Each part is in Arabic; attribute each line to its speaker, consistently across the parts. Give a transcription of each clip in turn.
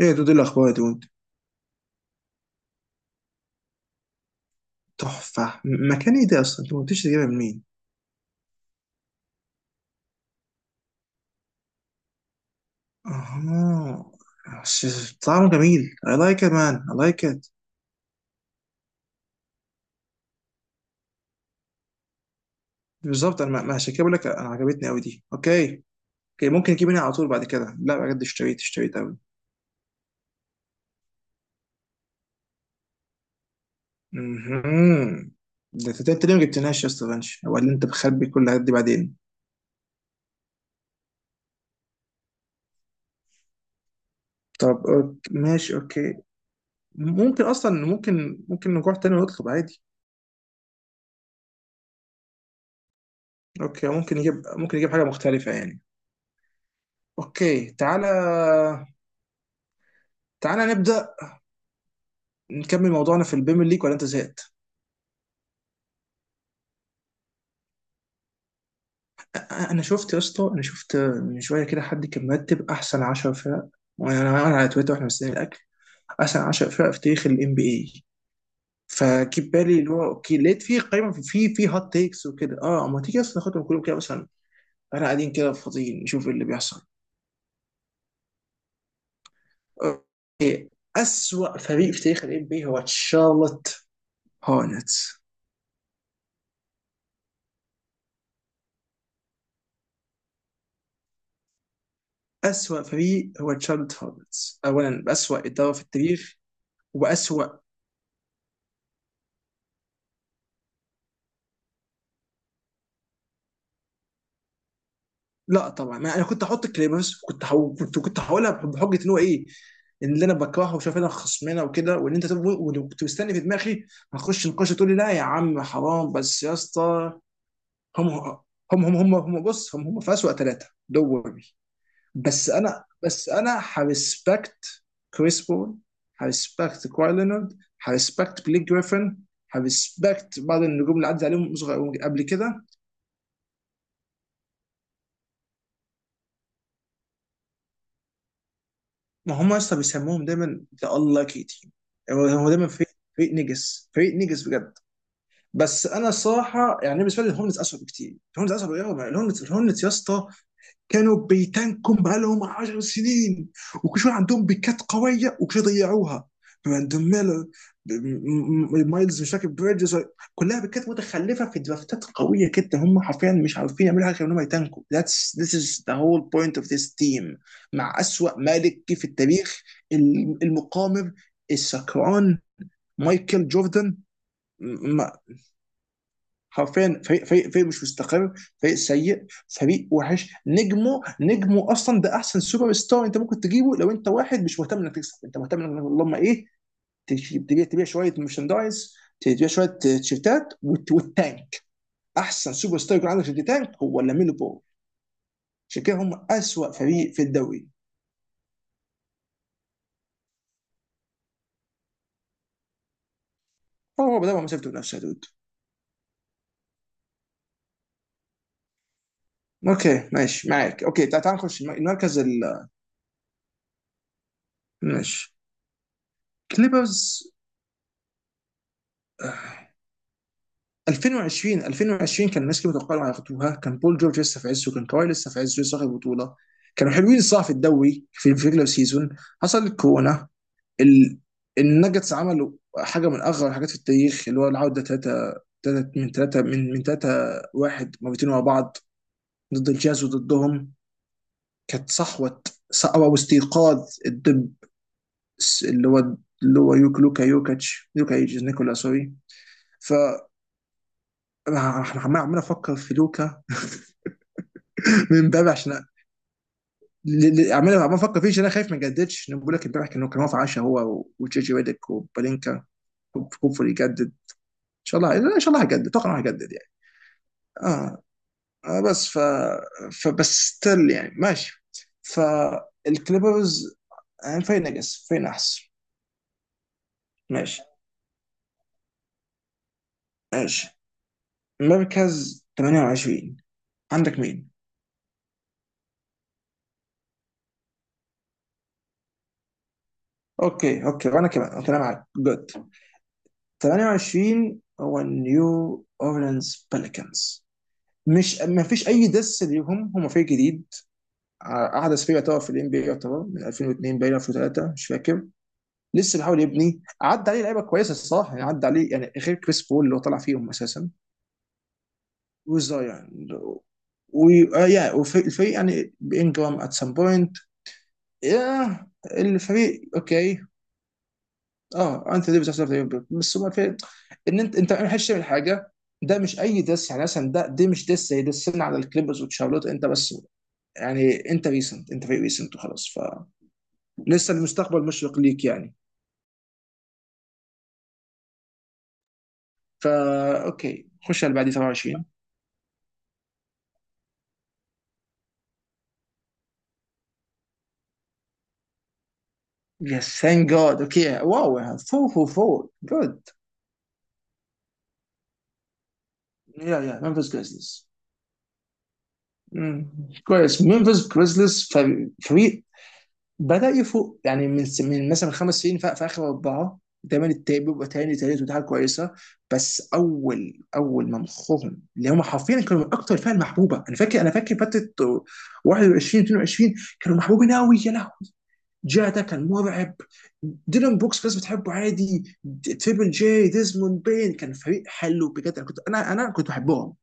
Speaker 1: ايه دول الاخبار دي وانت؟ تحفه. مكان ايه ده اصلا؟ انت ما قلتش تجيبها منين. اه. طعمه جميل. I like it, man, I like it. بالظبط انا ما عشان كده بقول لك انا عجبتني قوي دي. اوكي. اوكي، ممكن اجيب منها على طول بعد كده، لا بجد، اشتريت قوي. امم ده انت أنت ليه ما جبتناش يا اسطى بنش؟ ولا انت بخبي كل الحاجات دي بعدين؟ طب أوكي، ماشي، اوكي. ممكن اصلا، ممكن نروح تاني ونطلب عادي. اوكي، ممكن نجيب حاجه مختلفه يعني. اوكي تعالى، تعالى نبدا. نكمل موضوعنا في البيم ليج ولا انت زهقت؟ انا شفت يا اسطى، انا شفت من شويه كده حد كان مرتب احسن 10 فرق. وانا انا على تويتر واحنا مستنيين الاكل. احسن 10 فرق في تاريخ الام بي اي. فجيب بالي اللي هو اوكي لقيت فيه قايمه في هات تيكس وكده، اه اما تيجي اصلا ناخدهم كلهم كده مثلا. احنا قاعدين كده فاضيين نشوف إيه اللي بيحصل. اوكي. اسوأ فريق في تاريخ الام بي اي هو تشارلوت هورنتس. اسوأ فريق هو تشارلوت هورنتس، اولا اسوأ اداره في التاريخ. واسوأ. لا طبعا انا، كنت هحط كليبرز، كنت هو، كنت هقولها بحجه ان هو ايه، ان اللي انا بكرهه وشايف انا خصمنا وكده، وان انت وكنت مستني في دماغي هخش نقاش تقول لي لا يا عم حرام، بس يا اسطى. هم هم، بص هم في اسوء ثلاثه دوري. بس انا، بس انا هريسبكت كريس بول، هريسبكت كواي لينارد، هريسبكت بليك جريفن، هريسبكت بعض النجوم اللي عدت عليهم قبل كده. ما هم اصلا بيسموهم دايما ذا unlucky team. يعني هو دايما فريق. فريق نجس، فريق نجس بجد. بس انا الصراحه يعني بالنسبه لي الهورنتس اسوء بكتير، الهورنتس اسوء بكتير، الهورنتس يا اسطى، كانوا بيتانكم بقالهم 10 سنين. وكل شويه عندهم بيكات قويه وكل شويه ضيعوها. براندون ميلر، مايلز، مش فاكر، بريدجز. كلها بيكات متخلفه في درافتات قويه جدا، هم حرفيا مش عارفين يعملوا حاجه غير انهم يتانكوا. That's, this is the whole point of this team. مع اسوأ مالك في التاريخ. المقامر، السكران، مايكل جوردن. حرفيا فريق مش مستقر، فريق سيء، فريق وحش، نجمه اصلا ده احسن سوبر ستار انت ممكن تجيبه لو انت واحد مش مهتم انك تكسب، انت مهتم انك، اللهم ايه، تبيع شويه مرشندايز، تبيع شويه تيشيرتات، والتانك. احسن سوبر ستار يكون عندك في التانك هو لاميلو بول. عشان كده هم اسوء فريق في الدوري. هو بدأ مسيرته بنفسه يا دود. اوكي ماشي معاك، اوكي، تعال نخش المركز ال. ماشي. كليبرز. 2020 كان الناس كانوا متوقعين هياخدوها، كان بول جورج لسه في عزه، كان كواي لسه في عزه، لسه واخد بطوله. كانوا حلوين الصراحه في الدوري في الريجلر سيزون. حصل الكورونا. ال... النجتس عملوا حاجه من اغرب الحاجات في التاريخ، اللي هو العوده ثلاثه ثلاثه من ثلاثه من ثلاثه. واحد مرتين ورا بعض. ضد الجاز وضدهم. كانت صحوه. صحوه واستيقاظ الدب. اللي هو، اللي هو لوكا يوكاتش لوكا يوكيتش نيكولا، سوري. ف انا عمال افكر في لوكا من امبابي. عشان عمال افكر فيه عشان انا خايف ما يجددش. أنا بقول لك امبارح كان واقف 10، هو وتشيجي ويدك وبالينكا. كوبفول يجدد، ان شاء الله. لا، ان شاء الله هيجدد، اتوقع انه هيجدد يعني. اه. آه بس فبس ستيل يعني ماشي. فالكليبرز. آه، فين نجس، فين احسن. ماشي، ماشي، مركز 28. عندك مين؟ اوكي، اوكي وانا كمان، اوكي، انا معاك جود. 28 هو نيو اورleans بليكنز. مش، ما فيش اي دس ليهم، هم فريق جديد. احدث فريق يعتبر في الان بي اي، يعتبر من 2002 باين 2003 مش فاكر. لسه بيحاول يبني، عدى عليه لعيبه كويسه الصراحه يعني، عدى عليه يعني غير كريس بول اللي هو طلع فيهم اساسا. وزايان. ويا الفريق يعني بانجرام ات سام بوينت. يا الفريق اوكي. اه، انت ديفيس احسن في الفريق، بس هو الفريق، ان انت، ما حدش تعمل حاجه. ده مش اي دس يعني مثلا، ده دي مش دس زي دسنا على الكليبرز وتشارلوت، انت بس يعني انت ريسنت، انت فريق ريسنت وخلاص. فلسه المستقبل مشرق ليك يعني. فا اوكي، خش على اللي بعديه 27. يس ثانك جاد، اوكي، واو، 4، 4 جود. يا ممفيس جريزليز. مم. كويس، ممفيس جريزليز. فريق بدأ يفوق يعني من من مثلا 5 سنين في آخر أربعة. دايما التاني بيبقى تاني تالت ودي حاجة كويسة. بس أول ما مخهم اللي هم حرفيا كانوا من أكتر الفئة المحبوبة. أنا فاكر فترة 21، 22، كانوا محبوبين أوي يا لهوي. جا ده كان مرعب. ديلان بوكس الناس بتحبه عادي، تريبل جي، ديزموند بين، كان فريق حلو بجد، أنا كنت بحبهم.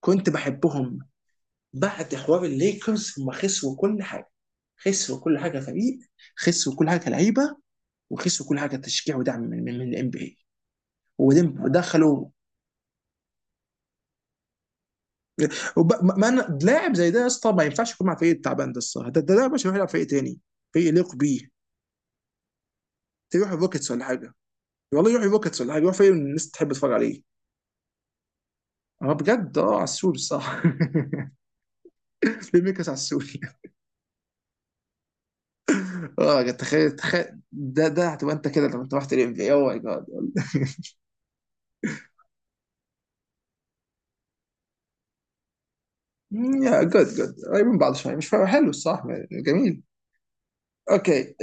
Speaker 1: كنت بحبهم. بعد حوار الليكرز هم خسروا كل حاجة. خسروا كل حاجه فريق. خسروا كل حاجه كلعيبه. وخسروا كل حاجه تشجيع ودعم من الام بي اي. وبعدين دخلوا. وب- ما ما لاعب زي ده يا اسطى ما ينفعش يكون مع فريق التعبان ده الصراحه، ده لاعب عشان يروح يلعب فريق تاني، فريق يليق بيه. يروح الروكيتس ولا حاجه. والله يروح الروكيتس ولا حاجه، يروح فريق الناس تحب تتفرج عليه. اه بجد، اه عسول الصراحه. ليه ميكس عسول. اه تخيل ده هتبقى انت كده لما انت رحت الام بي اي، اوه ماي جاد. يا جود، جود، قريبين من بعض شويه، مش فارق، حلو الصراحه، جميل. اوكي.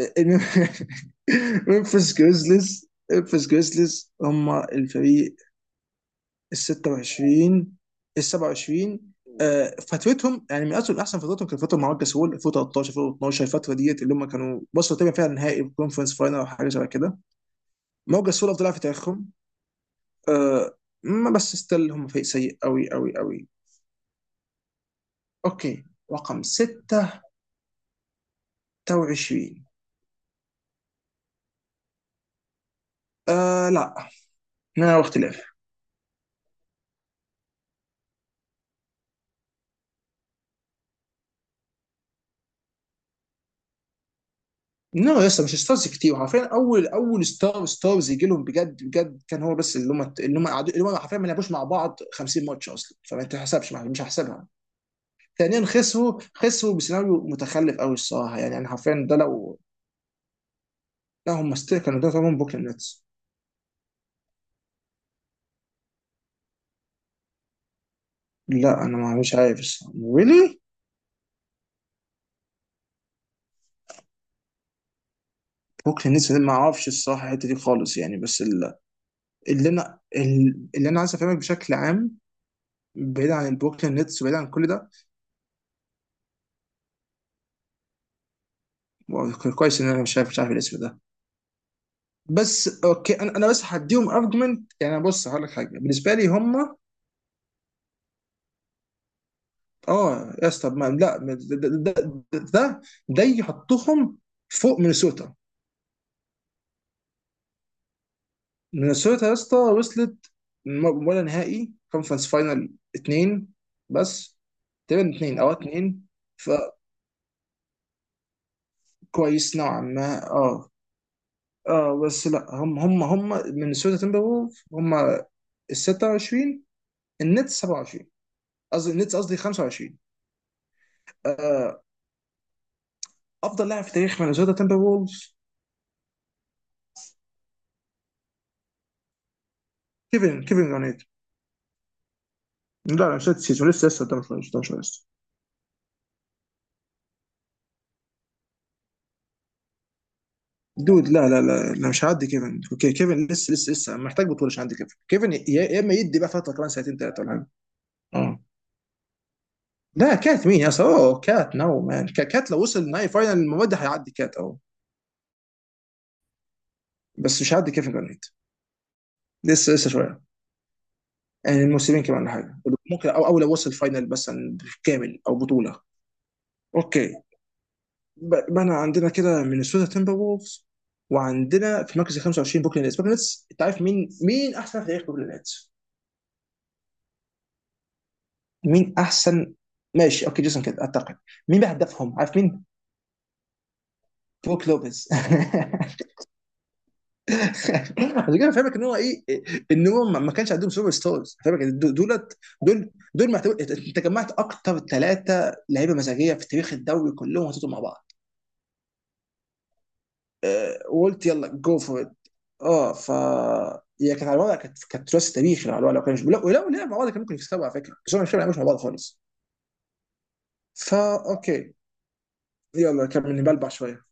Speaker 1: ممفيس جريزليز، هم الفريق ال 26. ال 27. آه، فترتهم يعني من اصل احسن فترتهم كانت فتره مع روجر سول 2013، 2012، الفتره ديت اللي هم كانوا وصلوا تقريبا فيها النهائي كونفرنس فاينل او حاجه شبه كده. روجر سول افضل لاعب في تاريخهم. آه، ما بس ستيل هم فريق سيء قوي قوي قوي. اوكي. رقم 26. آه لا. انا واختلاف. لا يا اسطى مش ستارز كتير، حرفيا اول اول ستارز يجي لهم بجد بجد كان هو بس، اللي هم، اللي هم حرفيا ما لعبوش مع بعض 50 ماتش اصلا، فما تحسبش، مش هحسبها. ثانيا خسروا بسيناريو متخلف قوي الصراحه يعني، انا حرفيا ده لو. لا هم ستيل كانوا، ده طبعا بوكلين نتس. لا انا، ما مش عارف الصراحه ويلي. بوكلين نتس ما اعرفش الصراحه الحته دي خالص يعني، بس اللي انا عايز افهمك بشكل عام، بعيد عن البوكلين نتس وبعيد عن كل ده. واو، كويس ان انا مش عارف، الاسم ده. بس اوكي انا انا بس هديهم ارجمنت يعني، بص هقول لك حاجه بالنسبه لي هم، اه يا اسطى، ما لا ما- ده ده, ده يحطهم فوق مينيسوتا. مينيسوتا يا اسطى وصلت، ولا نهائي كونفرنس فاينل اتنين بس. تقريبا اتنين او اتنين. فكويس نوعا ما، اه. اه بس لا هم هم مينيسوتا تيمبرولف هم ال 26، النتس 27، قصدي النتس قصدي 25. افضل لاعب في تاريخ مينيسوتا تمبر وولز. كيفن جرانيت. لا لا مش هذا السيزون، لسه قدام شويه قدام شويه لسه. دود، لا لا لا لا، مش هعدي كيفن. اوكي، كيفن لسه محتاج بطوله عشان عندي كيفن. يا اما يدي بقى فتره كمان سنتين ثلاثه ولا حاجه. اه. لا كات مين يا اسطى؟ اوه كات، نو مان، كات لو وصل نهائي فاينل المواد ده هيعدي كات اهو. بس مش هيعدي كيفن جرانيت. لسه، لسه شويه. يعني الموسمين كمان ولا حاجه. ممكن، او او لو وصل فاينل مثلا كامل او بطوله. اوكي. بقى عندنا كده مينيسوتا تيمبر وولفز، وعندنا في مركز ال 25 بوكلين نتس. انت عارف مين، احسن في تاريخ بوكلين نتس؟ مين احسن؟ ماشي اوكي جيسون كده اعتقد. مين بقى هدافهم عارف مين؟ بروك لوبيز. عشان كده فاهمك ان هو ايه، ان هو ما كانش عندهم سوبر ستارز، فاهمك إن دولت دول معتبر انت جمعت اكتر ثلاثه لعيبه مزاجيه في تاريخ الدوري كلهم حطيتهم مع بعض، آه، وقلت يلا جو فور ات. اه هي كانت على الوضع، كانت ثلاثي تاريخي على الوضع لو كانش، لا ولو لعب مع بعض كان ممكن يكسبوا على فكره، بس هم مش بيلعبوش مع بعض خالص. فا اوكي. يلا كمل بلبع شويه.